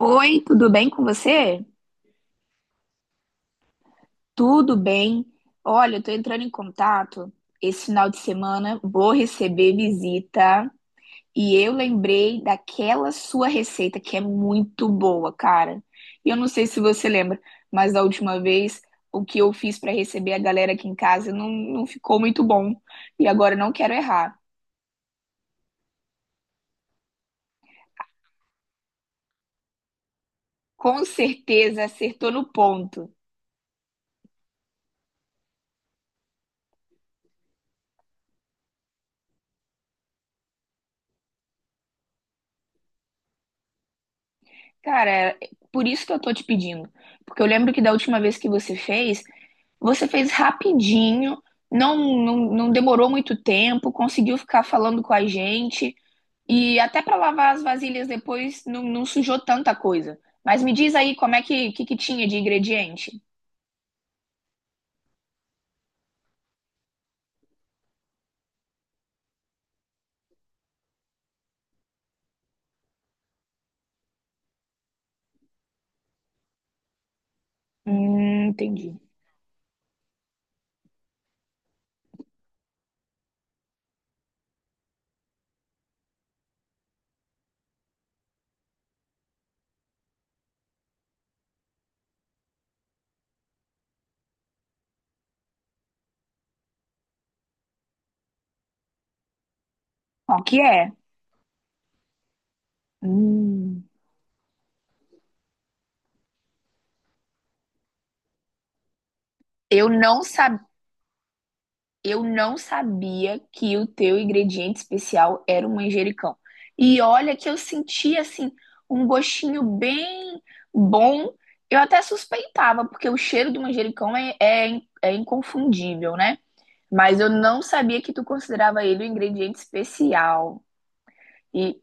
Oi, tudo bem com você? Tudo bem. Olha, eu tô entrando em contato. Esse final de semana vou receber visita e eu lembrei daquela sua receita que é muito boa, cara. E eu não sei se você lembra, mas da última vez o que eu fiz para receber a galera aqui em casa não ficou muito bom. E agora eu não quero errar. Com certeza acertou no ponto. Cara, é por isso que eu tô te pedindo. Porque eu lembro que da última vez que você fez rapidinho, não demorou muito tempo, conseguiu ficar falando com a gente. E até para lavar as vasilhas depois não sujou tanta coisa. Mas me diz aí como é que tinha de ingrediente? Entendi. Qual que é? Hum, eu não sabia. Eu não sabia que o teu ingrediente especial era o manjericão. E olha que eu senti assim um gostinho bem bom. Eu até suspeitava, porque o cheiro do manjericão é inconfundível, né? Mas eu não sabia que tu considerava ele um ingrediente especial. E,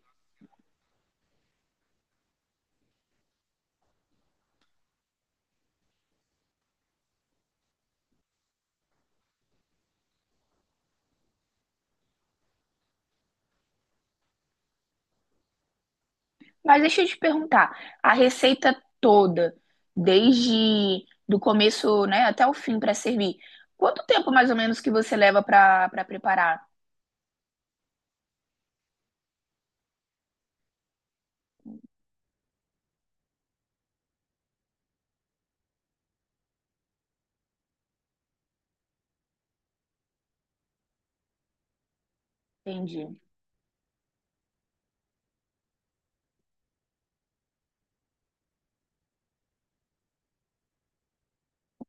mas deixa eu te perguntar, a receita toda, desde do começo, né, até o fim para servir, quanto tempo mais ou menos que você leva para preparar? Entendi.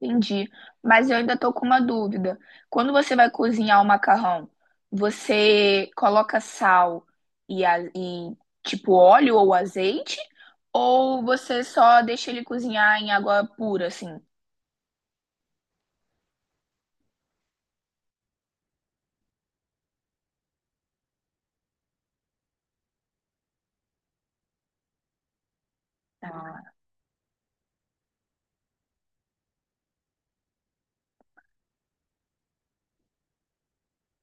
Entendi. Mas eu ainda tô com uma dúvida. Quando você vai cozinhar o macarrão, você coloca sal e, tipo óleo ou azeite? Ou você só deixa ele cozinhar em água pura, assim? Ah,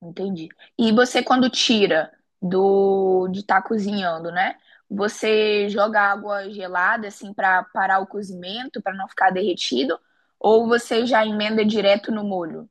entendi. E você, quando tira do de estar cozinhando, né? Você joga água gelada, assim, para parar o cozimento, para não ficar derretido? Ou você já emenda direto no molho?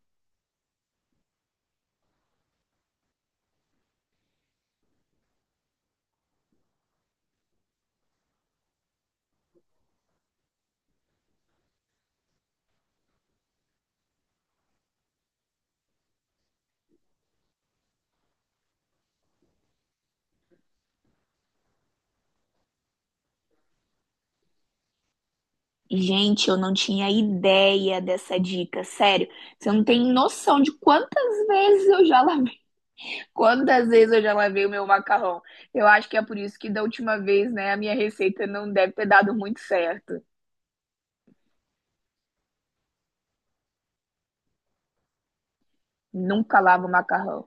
Gente, eu não tinha ideia dessa dica, sério. Você não tem noção de quantas vezes eu já lavei, quantas vezes eu já lavei o meu macarrão. Eu acho que é por isso que da última vez, né, a minha receita não deve ter dado muito certo. Nunca lavo macarrão.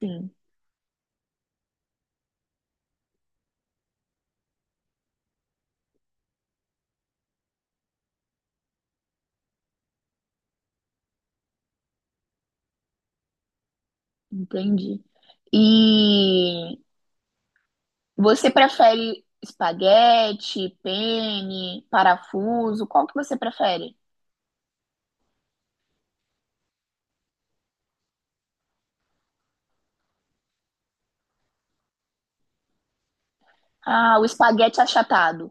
Sim, entendi. E você prefere espaguete, penne, parafuso? Qual que você prefere? Ah, o espaguete achatado.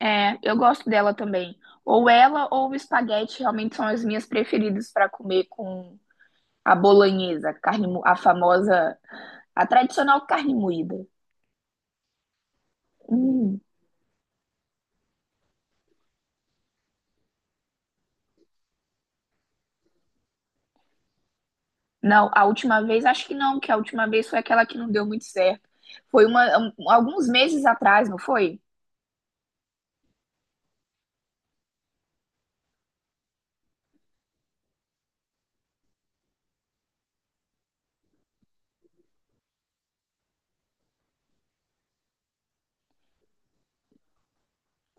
É, eu gosto dela também. Ou ela ou o espaguete realmente são as minhas preferidas para comer com a bolonhesa, a carne, a famosa, a tradicional carne moída. Hum, não, a última vez, acho que não, que a última vez foi aquela que não deu muito certo. Foi uma, alguns meses atrás, não foi?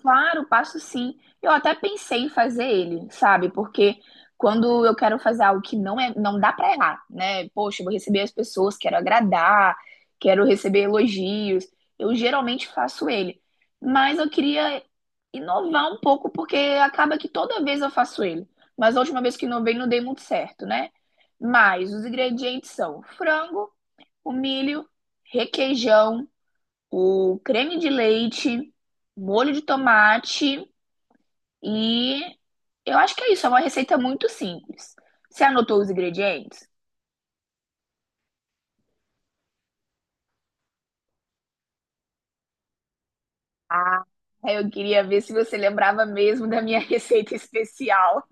Claro, passo sim. Eu até pensei em fazer ele, sabe? Porque quando eu quero fazer algo que não é, não dá pra errar, né? Poxa, eu vou receber as pessoas, quero agradar, quero receber elogios. Eu geralmente faço ele. Mas eu queria inovar um pouco porque acaba que toda vez eu faço ele. Mas a última vez que inovei não dei muito certo, né? Mas os ingredientes são frango, o milho, requeijão, o creme de leite, molho de tomate e eu acho que é isso. É uma receita muito simples. Você anotou os ingredientes? Ah, eu queria ver se você lembrava mesmo da minha receita especial.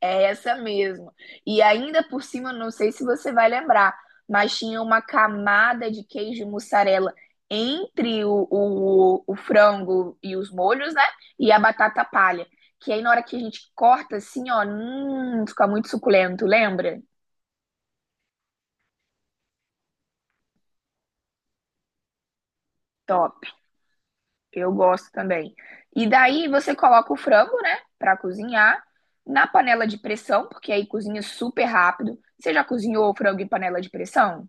É essa mesmo. E ainda por cima, não sei se você vai lembrar, mas tinha uma camada de queijo e mussarela entre o frango e os molhos, né? E a batata palha. Que aí na hora que a gente corta assim, ó, fica muito suculento, lembra? Top. Eu gosto também. E daí você coloca o frango, né, pra cozinhar na panela de pressão, porque aí cozinha super rápido. Você já cozinhou o frango em panela de pressão?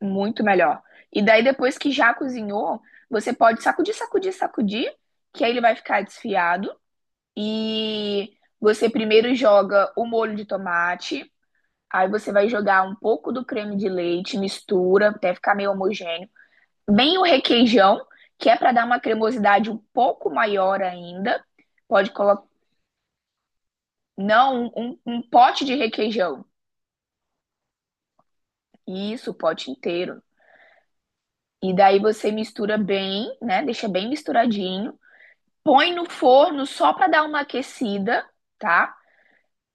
Muito melhor. E daí, depois que já cozinhou, você pode sacudir, sacudir, sacudir, que aí ele vai ficar desfiado. E você primeiro joga o molho de tomate, aí você vai jogar um pouco do creme de leite, mistura até ficar meio homogêneo. Bem o requeijão, que é para dar uma cremosidade um pouco maior ainda. Pode colocar, não, um pote de requeijão. Isso, o pote inteiro. E daí você mistura bem, né? Deixa bem misturadinho. Põe no forno só para dar uma aquecida, tá?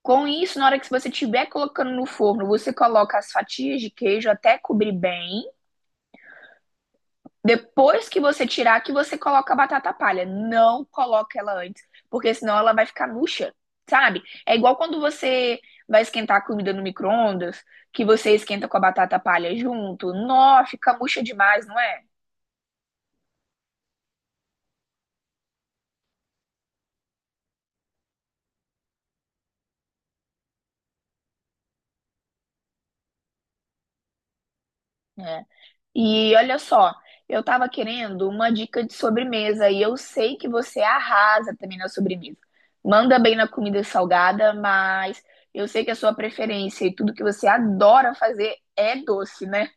Com isso, na hora que você estiver colocando no forno, você coloca as fatias de queijo até cobrir bem. Depois que você tirar, que você coloca a batata palha. Não coloca ela antes, porque senão ela vai ficar murcha, sabe? É igual quando você vai esquentar a comida no micro-ondas, que você esquenta com a batata palha junto. Nó, fica murcha demais, não é? É, e olha só, eu tava querendo uma dica de sobremesa e eu sei que você arrasa também na sobremesa. Manda bem na comida salgada, mas eu sei que a sua preferência e tudo que você adora fazer é doce, né?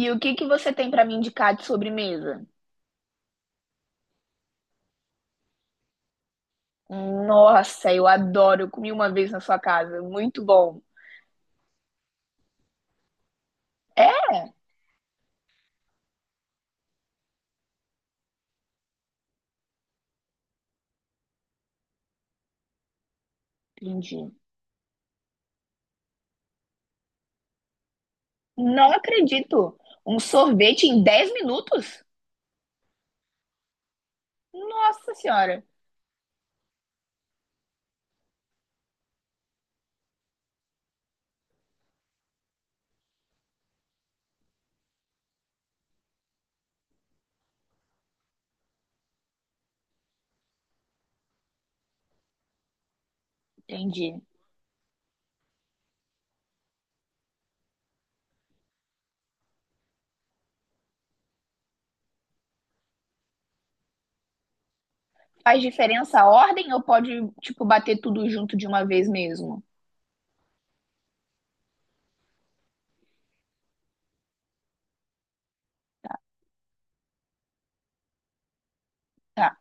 E o que que você tem pra me indicar de sobremesa? Nossa, eu adoro. Eu comi uma vez na sua casa, muito bom. É? Entendi. Não acredito. Um sorvete em 10 minutos? Nossa senhora. Entendi. Faz diferença a ordem ou pode, tipo, bater tudo junto de uma vez mesmo? Tá.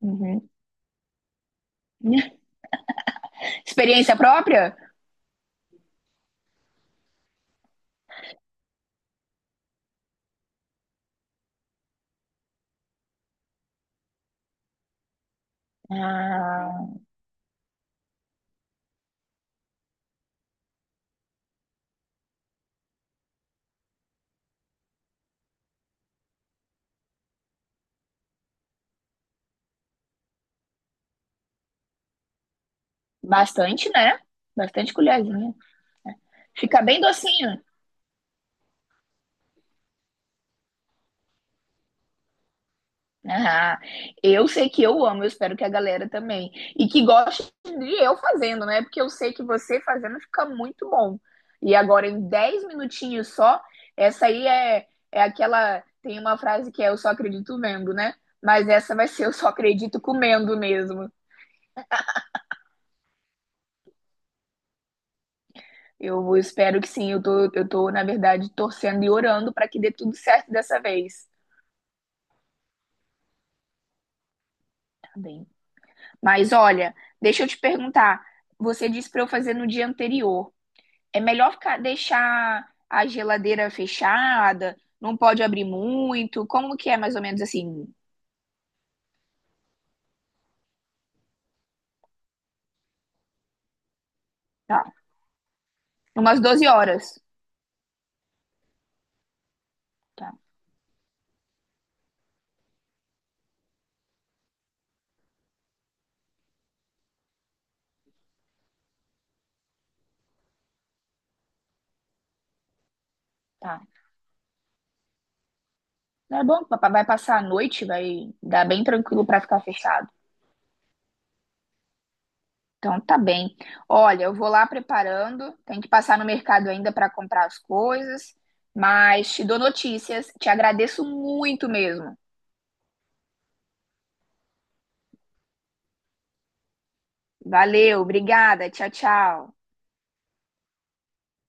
Uhum. Experiência própria? Ah, bastante, né? Bastante colherzinha. Fica bem docinho. Ah, eu sei que eu amo, eu espero que a galera também. E que goste de eu fazendo, né? Porque eu sei que você fazendo fica muito bom. E agora, em 10 minutinhos só, essa aí é aquela. Tem uma frase que é eu só acredito vendo, né? Mas essa vai ser eu só acredito comendo mesmo. Eu espero que sim, eu tô, na verdade, torcendo e orando para que dê tudo certo dessa vez. Tá bem. Mas olha, deixa eu te perguntar. Você disse para eu fazer no dia anterior. É melhor ficar, deixar a geladeira fechada, não pode abrir muito. Como que é mais ou menos assim? Tá. Umas 12 horas. Tá, tá. Não é bom, papai vai passar a noite, vai dar bem tranquilo para ficar fechado. Então tá bem. Olha, eu vou lá preparando, tem que passar no mercado ainda para comprar as coisas, mas te dou notícias, te agradeço muito mesmo. Valeu, obrigada, tchau, tchau.